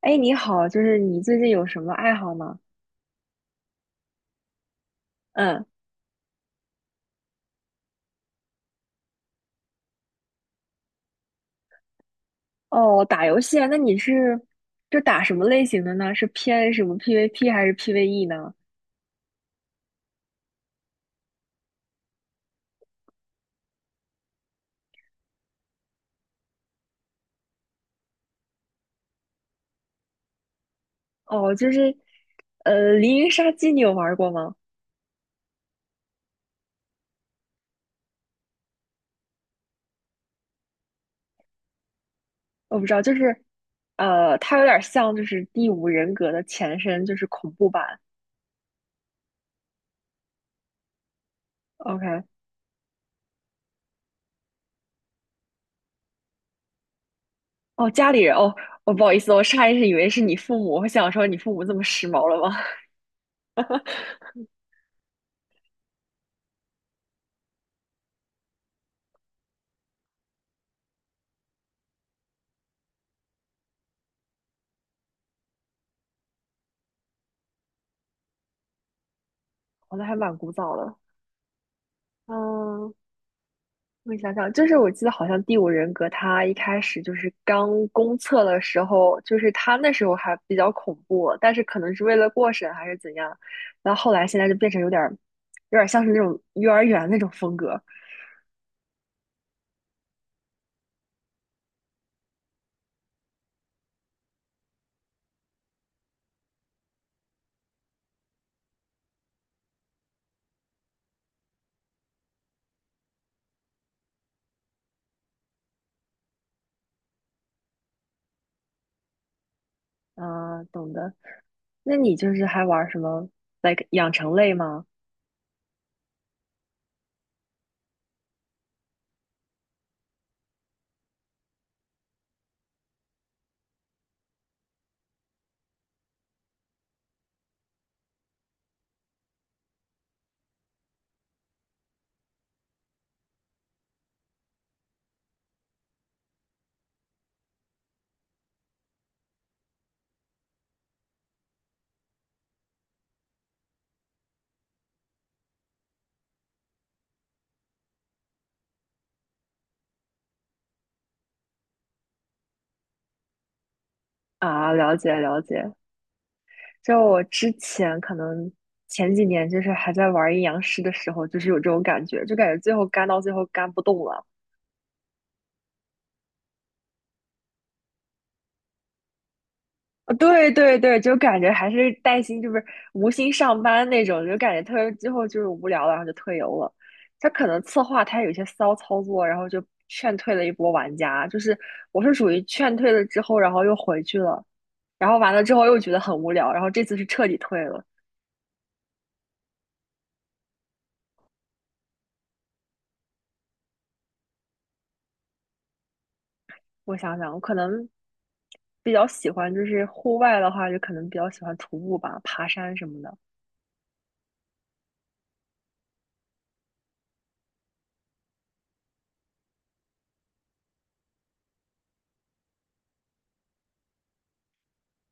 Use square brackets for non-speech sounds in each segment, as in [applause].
哎，你好，就是你最近有什么爱好吗？嗯。哦，打游戏啊，那你是就打什么类型的呢？是偏什么 PVP 还是 PVE 呢？哦，就是《黎明杀机》你有玩过吗？我不知道，就是,它有点像就是《第五人格》的前身，就是恐怖版。OK。哦，家里人，哦，我不好意思，我上意识以为是你父母，我想说你父母这么时髦了吗？[laughs] 哦，那还蛮古早的。嗯，我想想，就是我记得好像《第五人格》它一开始就是刚公测的时候，就是它那时候还比较恐怖，但是可能是为了过审还是怎样，然后后来现在就变成有点儿，有点像是那种幼儿园那种风格。啊，懂的。那你就是还玩什么，like 养成类吗？啊，了解了解。就我之前可能前几年就是还在玩阴阳师的时候，就是有这种感觉，就感觉最后干到最后干不动了。啊，对对对，就感觉还是带薪，就是无心上班那种，就感觉特别最后就是无聊了，然后就退游了。他可能策划他有一些骚操作，然后就劝退了一波玩家。就是我是属于劝退了之后，然后又回去了，然后完了之后又觉得很无聊，然后这次是彻底退了。我想想，我可能比较喜欢就是户外的话，就可能比较喜欢徒步吧，爬山什么的。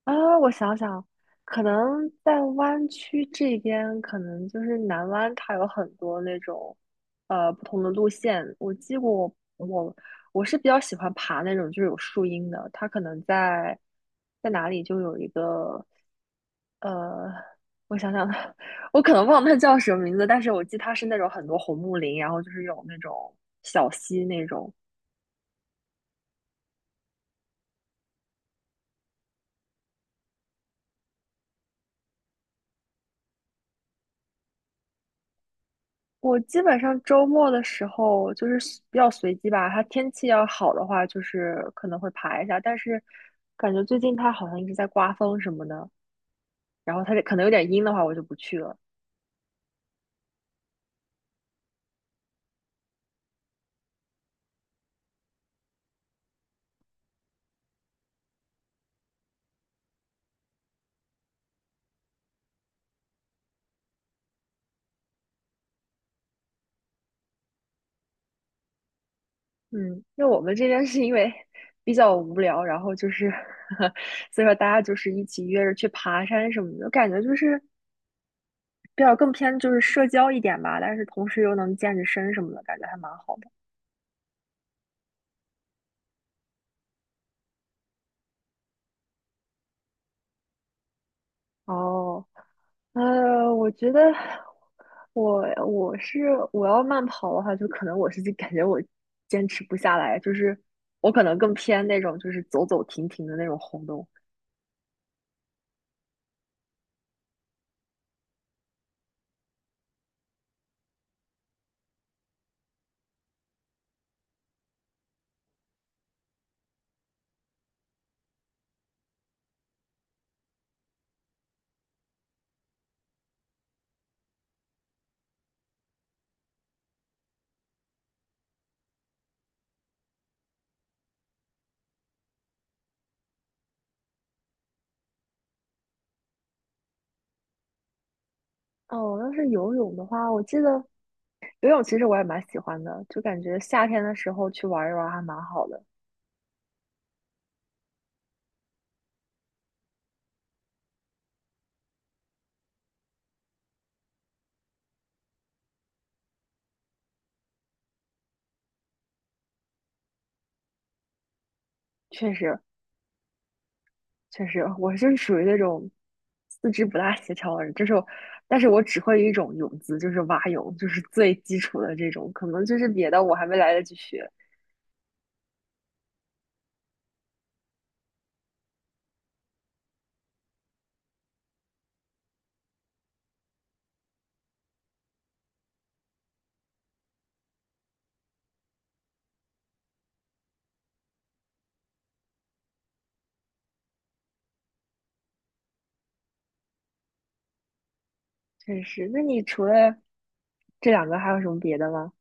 啊，我想想，可能在湾区这边，可能就是南湾，它有很多那种不同的路线。我我是比较喜欢爬那种就是有树荫的，它可能在在哪里就有一个呃，我想想，[laughs] 我可能忘了它叫什么名字，但是我记它是那种很多红木林，然后就是有那种小溪那种。我基本上周末的时候就是随比较随机吧，它天气要好的话，就是可能会爬一下，但是感觉最近它好像一直在刮风什么的，然后它这可能有点阴的话，我就不去了。嗯，因为我们这边是因为比较无聊，然后就是 [laughs] 所以说大家就是一起约着去爬山什么的，感觉就是比较更偏就是社交一点吧，但是同时又能健着身什么的，感觉还蛮好。的。哦，我觉得我要慢跑的话，就可能我是就感觉我坚持不下来，就是我可能更偏那种就是走走停停的那种活动。哦，要是游泳的话，我记得游泳其实我也蛮喜欢的，就感觉夏天的时候去玩一玩还蛮好的。确实，确实，我就是属于那种四肢不大协调的人，就是我，但是我只会一种泳姿，就是蛙泳，就是最基础的这种，可能就是别的我还没来得及学。确实，那你除了这两个还有什么别的吗？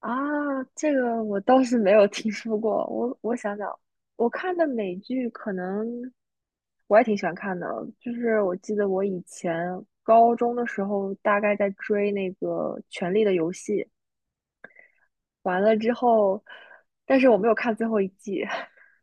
啊，这个我倒是没有听说过。我想想，我看的美剧可能我也挺喜欢看的，就是我记得我以前高中的时候大概在追那个《权力的游戏》。完了之后，但是我没有看最后一季。 [laughs]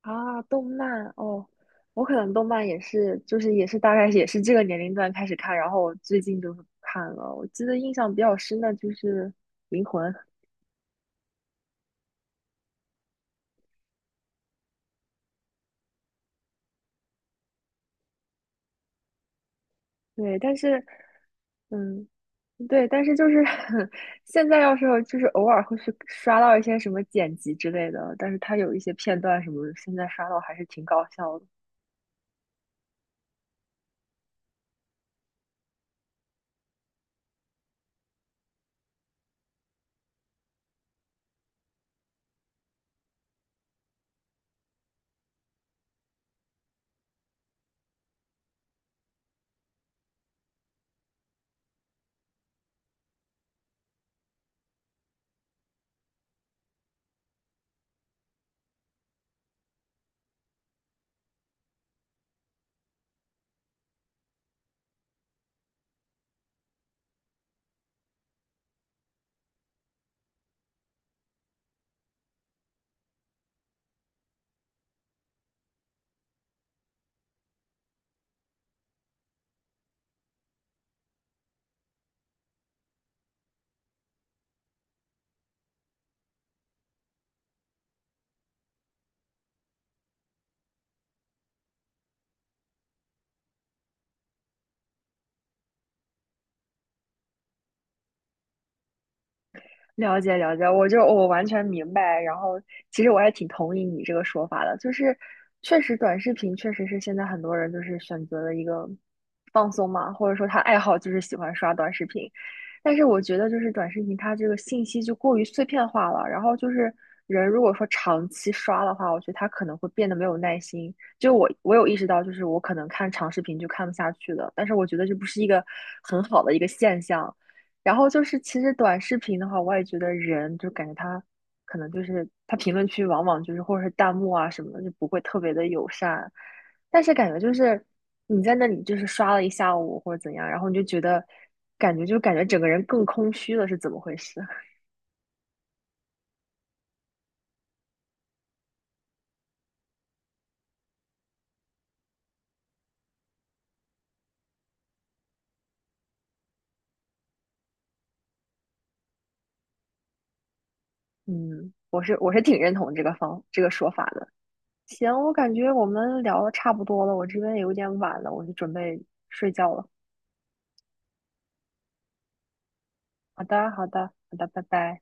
啊。动漫哦，我可能动漫也是，就是也是大概也是这个年龄段开始看，然后我最近就是看了。我记得印象比较深的就是《灵魂》，对，但是嗯，对，但是就是 [laughs] 现在要是就是偶尔会去刷到一些什么剪辑之类的，但是它有一些片段什么，现在刷到还是挺搞笑的。了解了解，我完全明白。然后，其实我还挺同意你这个说法的，就是确实短视频确实是现在很多人就是选择的一个放松嘛，或者说他爱好就是喜欢刷短视频。但是我觉得就是短视频它这个信息就过于碎片化了，然后就是人如果说长期刷的话，我觉得他可能会变得没有耐心。就我有意识到，就是我可能看长视频就看不下去了，但是我觉得这不是一个很好的一个现象。然后就是，其实短视频的话，我也觉得人就感觉他可能就是他评论区往往就是或者是弹幕啊什么的，就不会特别的友善。但是感觉就是你在那里就是刷了一下午或者怎样，然后你就觉得感觉整个人更空虚了，是怎么回事？[laughs] 嗯，我是挺认同这个方这个说法的。行，我感觉我们聊的差不多了，我这边也有点晚了，我就准备睡觉了。好的，好的，好的，拜拜。